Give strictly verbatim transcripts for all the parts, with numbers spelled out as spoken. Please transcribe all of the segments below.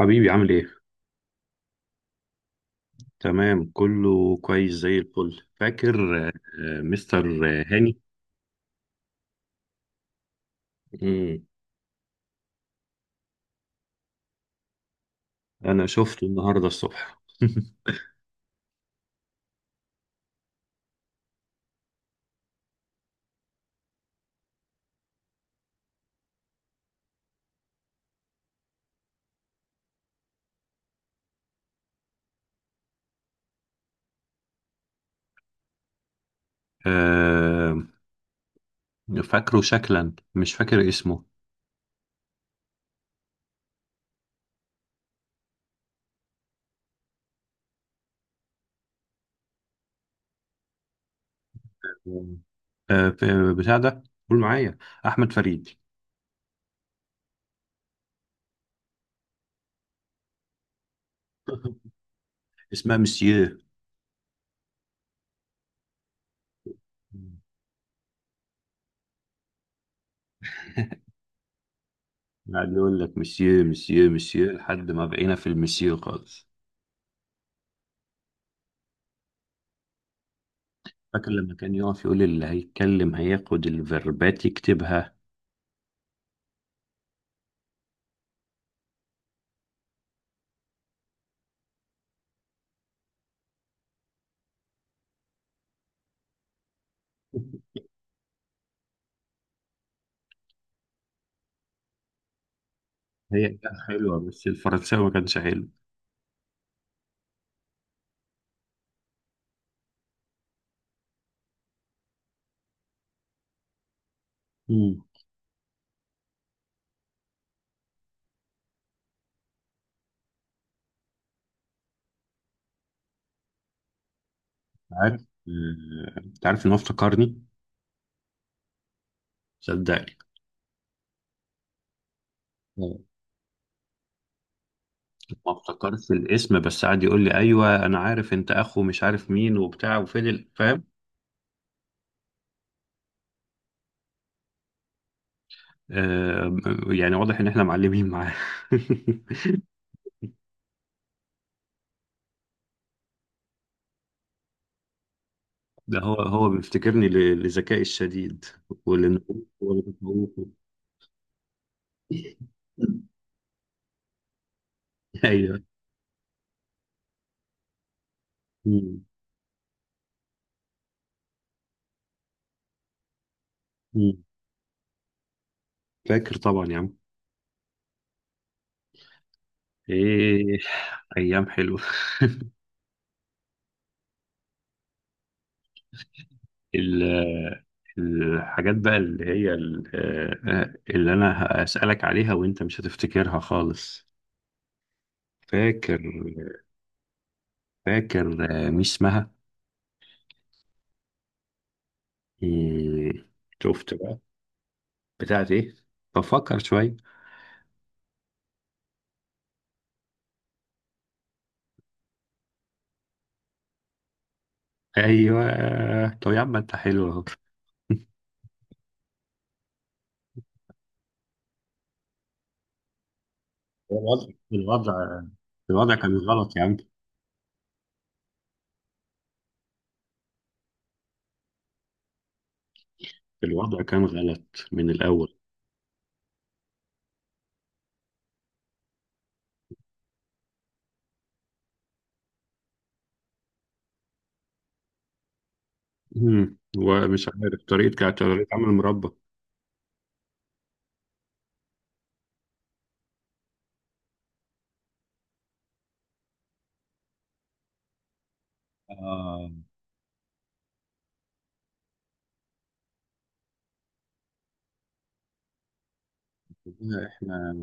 حبيبي عامل ايه؟ تمام كله كويس زي الفل فاكر آه، آه، مستر آه، هاني؟ مم. انا شفته النهارده الصبح آه، فاكره شكلا مش فاكر اسمه. مم. آه، في- بتاع ده، قول معايا احمد فريد. اسمها مسيو. قاعد يقول لك مسيو مسيو مسيو لحد ما بقينا في المسيو خالص. فاكر لما كان يقف يقول اللي هيتكلم هياخد الفيربات يكتبها. هي كانت حلوه بس الفرنساوي ما كانش حلو. امم، عارف آه، انت عارف ان هو افتكرني، صدقني. مم. ما افتكرش الاسم بس قعد يقول لي ايوه انا عارف انت اخو مش عارف مين وبتاع وفين ال- فاهم. آه، يعني واضح ان احنا معلمين معاه. ده هو هو بيفتكرني ل- لذكائي الشديد، ولنبوغ ولتفوقه. ايوه. مم. مم. فاكر طبعا يا عم. ايه، ايام حلوه. ال- الحاجات بقى اللي هي ال- آه، اللي انا هسألك عليها وانت مش هتفتكرها خالص. فاكر؟ فاكر آه، مش اسمها إيه، شفت بقى؟ بتاعت ايه؟ بفكر شوية. ايوه، طب يا عم انت حلو اهو. الوضع، الوضع، الوضع كان غلط يا عم. الوضع كان غلط من الاول. مم. ومش عارف طريقة، كانت طريقة عمل مربى. آه. احنا،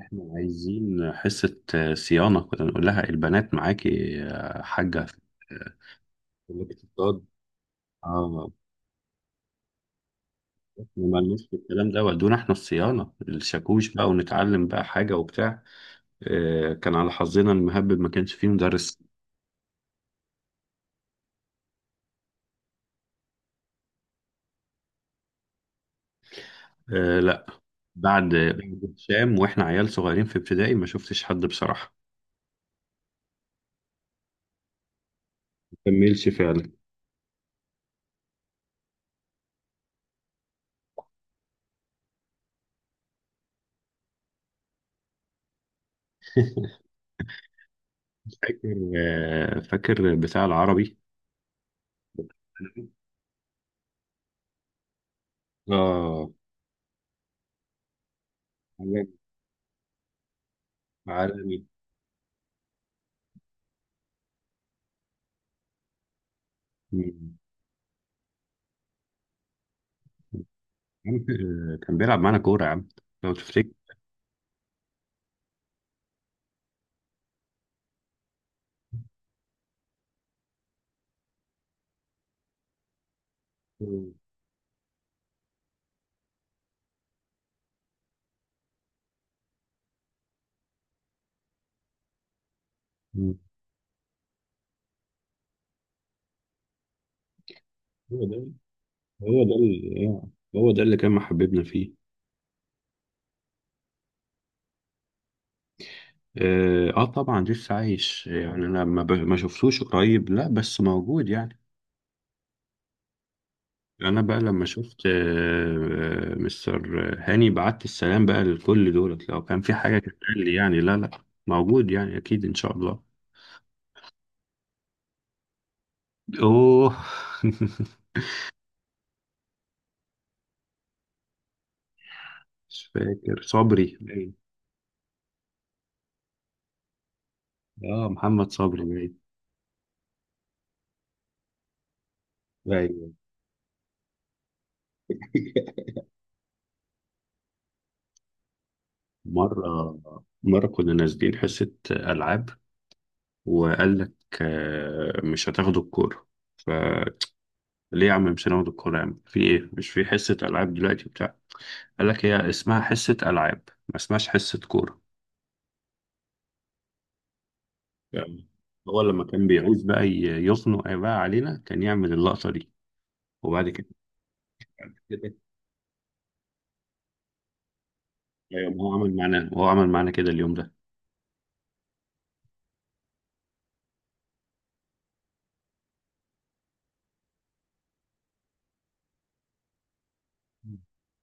احنا عايزين حصة صيانة، كنا نقول لها البنات معاكي يا حاجة اللي بتضاد. اه، احنا مالناش في الكلام ده، ودونا احنا الصيانة الشاكوش بقى ونتعلم بقى حاجة وبتاع. آه، كان على حظنا المهبب ما كانش فيه مدرس. آه لا، بعد بعد هشام واحنا عيال صغيرين في ابتدائي ما شفتش حد بصراحة. ما كملش فعلا. فاكر، آه فاكر بتاع العربي. اه، عالمي، عالمي. عم، آه، كان بيلعب معانا كورة يا عم لو تفتكر. مم. مم. هو ده، هو ده اللي هو ده اللي كان محببنا فيه. اه، آه طبعا لسه عايش يعني انا ما، ب... ما شفتوش قريب لا بس موجود يعني. انا بقى لما شفت آه آه، مستر هاني بعت السلام بقى لكل دولت لو كان في حاجة تتقال لي. يعني لا لا، موجود يعني اكيد ان شاء الله. اوه. مش فاكر، صبري باين. اه محمد صبري باين. ايوه. مرة، مرة كنا نازلين حصة ألعاب وقال لك آه، مش هتاخدوا الكورة؟ فليه؟ يا عم مش هناخد الكورة يا عم، في إيه؟ مش في حصة ألعاب دلوقتي بتاع؟ قال لك هي اسمها حصة ألعاب، ما اسمهاش حصة كورة. يعني هو لما كان بيعوز بقى ي- يخنق بقى علينا كان يعمل اللقطة دي. وبعد كده كده. أيوة، ما هو عمل معانا، هو عمل معانا كده اليوم ده.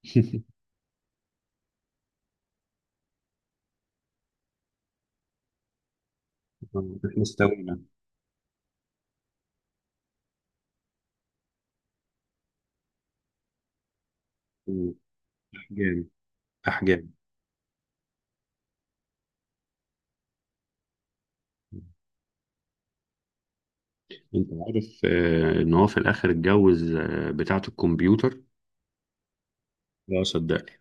احنا استوينا. أحجام، أحجام. انت عارف آه، ان هو في الاخر اتجوز آه، بتاعة الكمبيوتر؟ لا صدقني،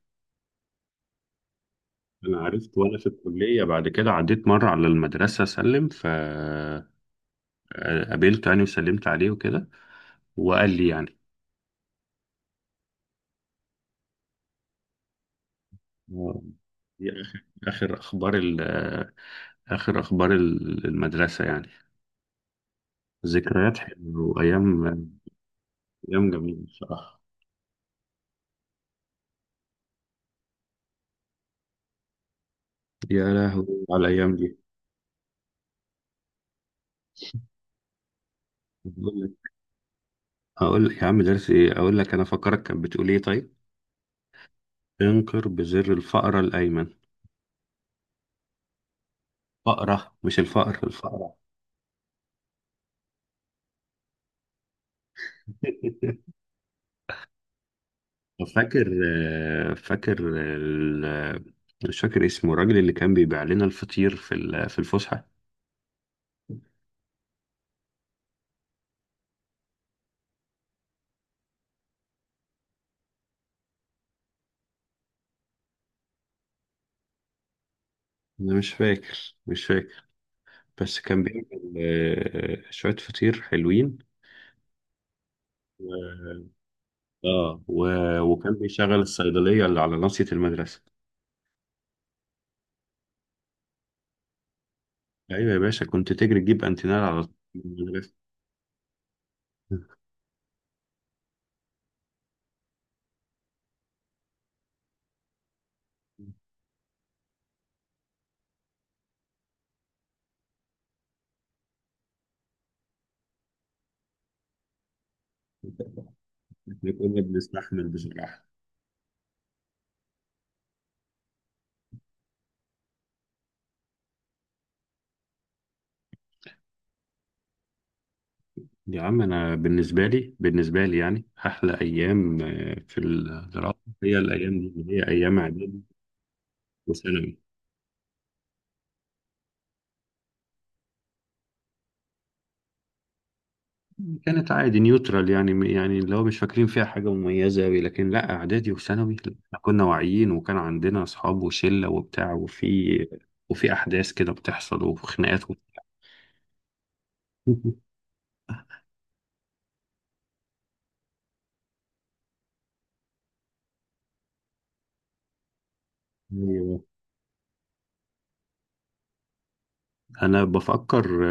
انا عرفت وانا في الكلية، بعد كده عديت مرة على المدرسة اسلم فقابلته يعني، وسلمت عليه وكده وقال لي يعني. آه، دي اخر اخر اخبار ال- آه، اخر اخبار ال- المدرسة يعني. ذكريات حلوة وايام، ايام جميلة بصراحة. يا لهوي على الايام دي. هقول لك، هقول لك يا عم درس ايه، اقول لك انا فكرك كانت بتقول ايه؟ طيب، انقر بزر الفأرة الأيمن. فأرة مش الفأر، الفأرة. فاكر، آه، فاكر ال- مش فاكر اسمه الراجل اللي كان بيبيع لنا الفطير في ال- في الفسحة؟ أنا مش فاكر، مش فاكر، بس كان بيعمل آه، شوية فطير حلوين. و... اه، و... وكان بيشغل الصيدلية اللي على ناصية المدرسة. أيوة يا باشا، كنت تجري تجيب أنتينال على ناصية المدرسة. احنا كنا بنستحمل بصراحة. يا عم انا بالنسبه لي، بالنسبه لي يعني احلى ايام آه، في الدراسه هي الايام دي اللي هي ايام اعدادي وثانوي. كانت عادي نيوترال يعني، يعني اللي هو مش فاكرين فيها حاجه مميزه قوي، لكن لا، اعدادي وثانوي لا، احنا كنا واعيين وكان عندنا اصحاب وشله وبتاع وفي، وفي احداث كده بتحصل وخناقات وبتاع. ايوه، انا بفكر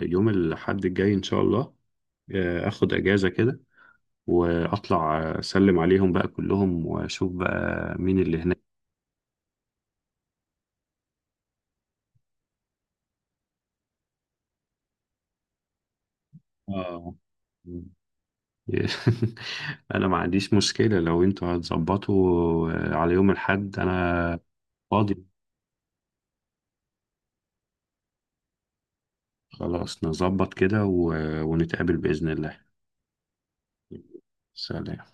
آه، يوم الاحد الجاي ان شاء الله آه، اخد اجازه كده واطلع اسلم عليهم بقى كلهم واشوف بقى مين اللي هناك. اه. انا ما عنديش مشكلة لو انتوا هتظبطوا على يوم الاحد، انا فاضي. خلاص، نظبط كده و... ونتقابل بإذن الله. سلام.